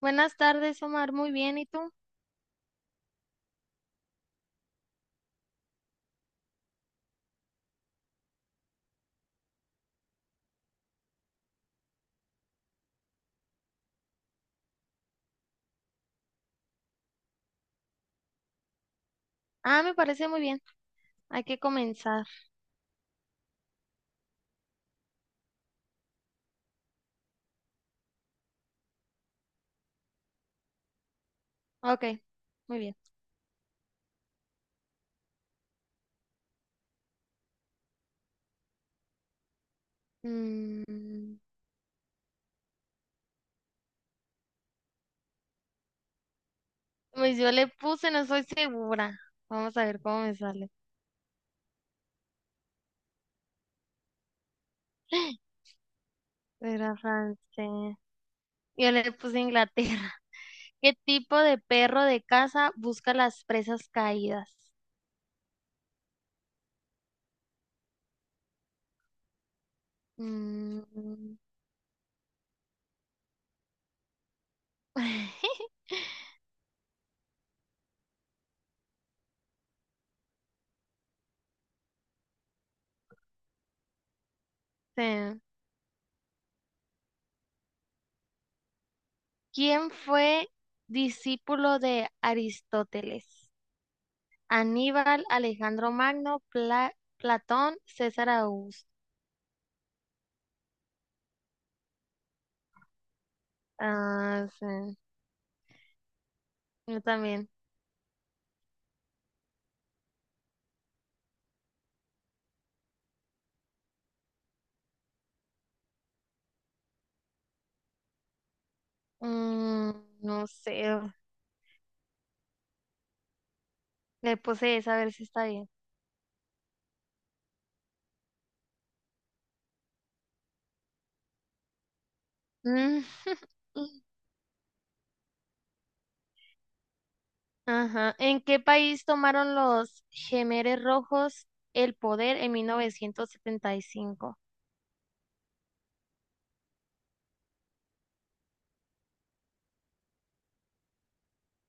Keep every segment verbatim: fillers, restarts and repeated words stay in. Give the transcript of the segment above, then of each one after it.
Buenas tardes, Omar. Muy bien, ¿y tú? Ah, me parece muy bien. Hay que comenzar. Ok, muy bien. Mm, pues yo le puse, no soy segura. Vamos a ver cómo me sale. Era francés. Yo le puse Inglaterra. ¿Qué tipo de perro de casa busca las presas caídas? Mm, sí. ¿Quién fue discípulo de Aristóteles? Aníbal, Alejandro Magno, Pla- Platón, César Augusto. Ah, sí, yo también. Mm, no sé, le puse esa a ver si está bien. Mm, ajá. ¿En qué país tomaron los Jemeres Rojos el poder en mil novecientos setenta y cinco?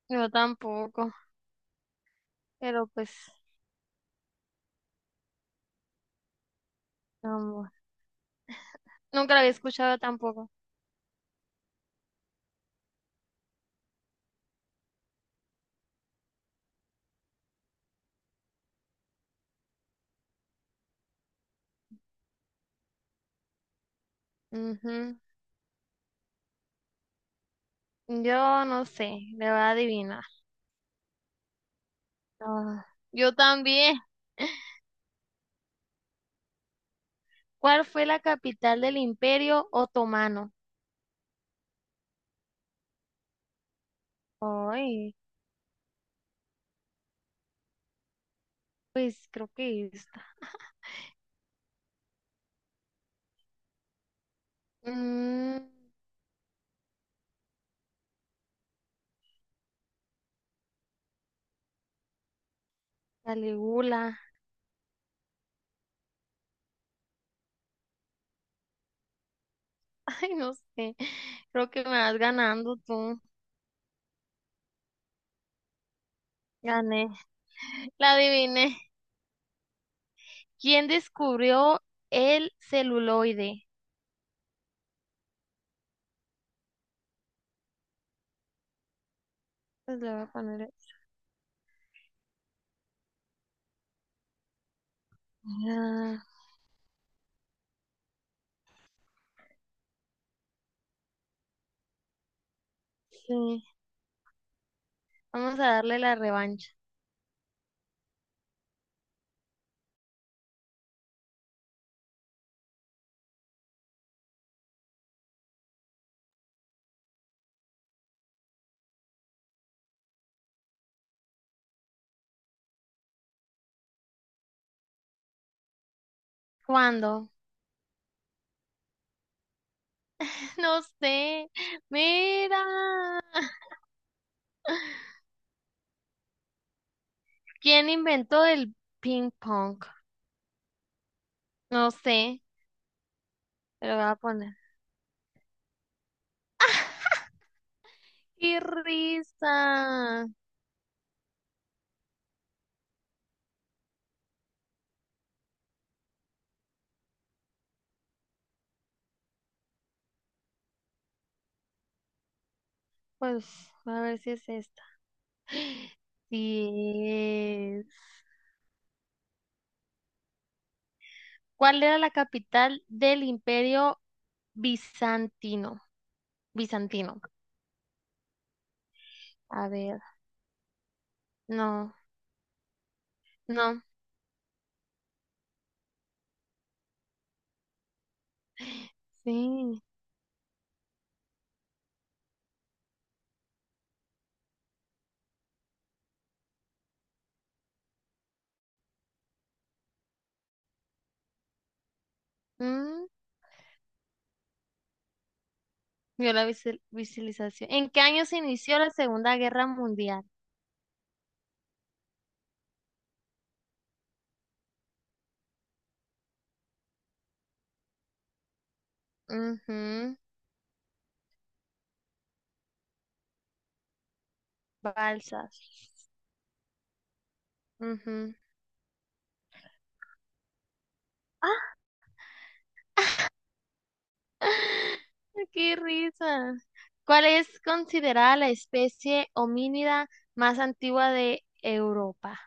Yo tampoco, pero pues, vamos. Nunca la había escuchado tampoco. Ujú. Yo no sé, le voy a adivinar. Ah, yo también. ¿Cuál fue la capital del Imperio Otomano? Ay, pues creo que esta. Mm, Caligula. Ay, no sé. Creo que me vas ganando tú. Gané. La adiviné. ¿Quién descubrió el celuloide? Pues le voy a poner. eso. Ah, sí. Vamos a darle la revancha. ¿Cuándo? No sé. Mira. ¿Quién inventó el ping pong? No sé. Te lo voy a poner. ¡Qué risa! Pues a ver si es esta. Sí es. ¿Cuál era la capital del Imperio Bizantino? Bizantino. A ver, no, no. Sí. Mm, vio la visi- visualización. ¿En qué año se inició la Segunda Guerra Mundial? Ujú, Balsas. Ujú. Qué risa. ¿Cuál es considerada la especie homínida más antigua de Europa?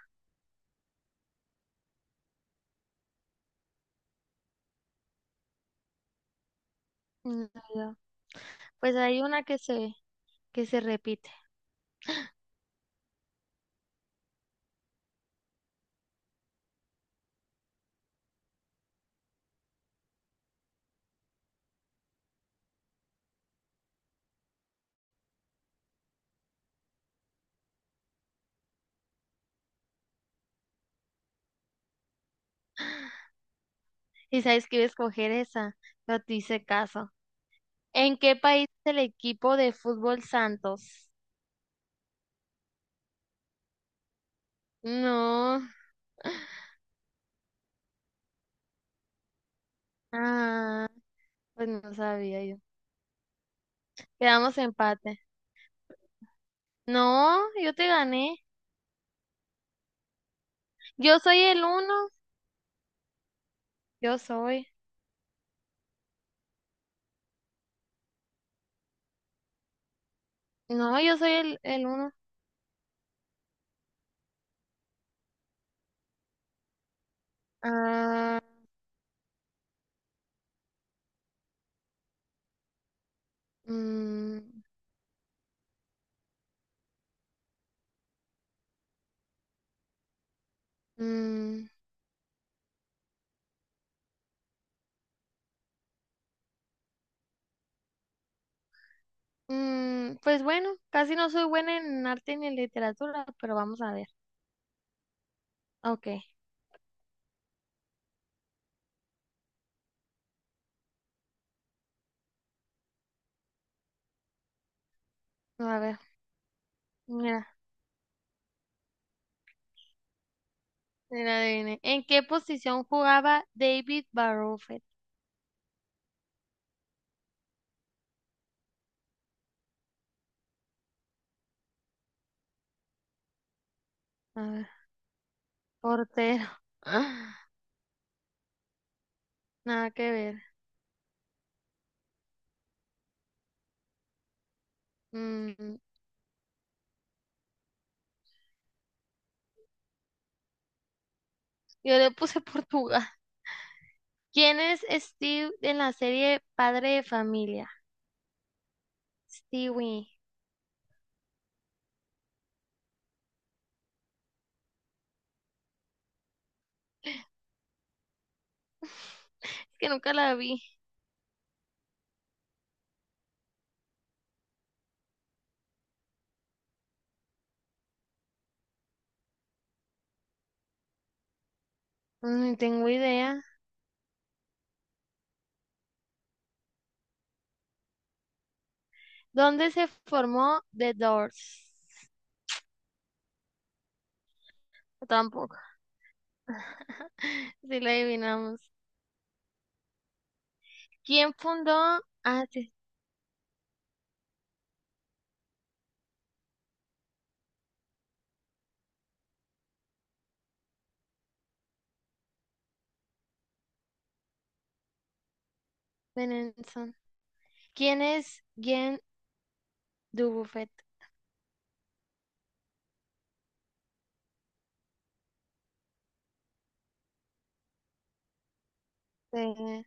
Mm, no, yo- pues hay una que se, que se, repite. Y sabes que iba a escoger esa, no te hice caso. ¿En qué país es el equipo de fútbol Santos? No. Ah, pues no sabía yo. Quedamos empate. No, yo te gané. Yo soy el uno. Yo soy. No, yo soy el, el uno. Ah. Mm, mm, mm, pues bueno, casi no soy buena en arte ni en literatura, pero vamos a ver. Ok, a ver, mira, mira, adivine. ¿En qué posición jugaba David Barofet? A ver, portero. Ah, nada que ver. Mm, yo le puse Portugal. ¿Quién es Steve en la serie Padre de Familia? Stewie. que nunca la vi. No tengo idea. ¿Dónde se formó The Doors? Tampoco. Si la adivinamos. ¿Quién fundó? Ah, sí, Benenson. ¿Quién es Jean Dubuffet? Eh,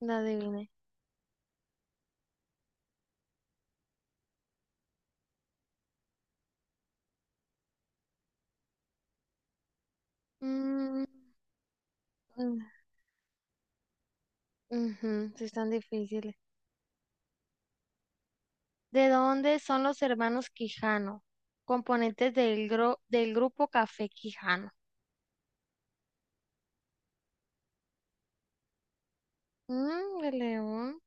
la adiviné. Mm, mm, ujú, sí, están difíciles. ¿De dónde son los hermanos Quijano? Componentes del, gro- del grupo Café Quijano. Mm, de León.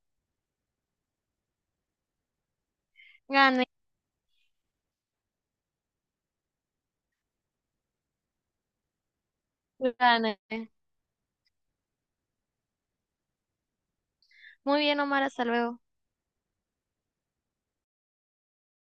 Gané, gané. Muy bien, Omar, hasta luego.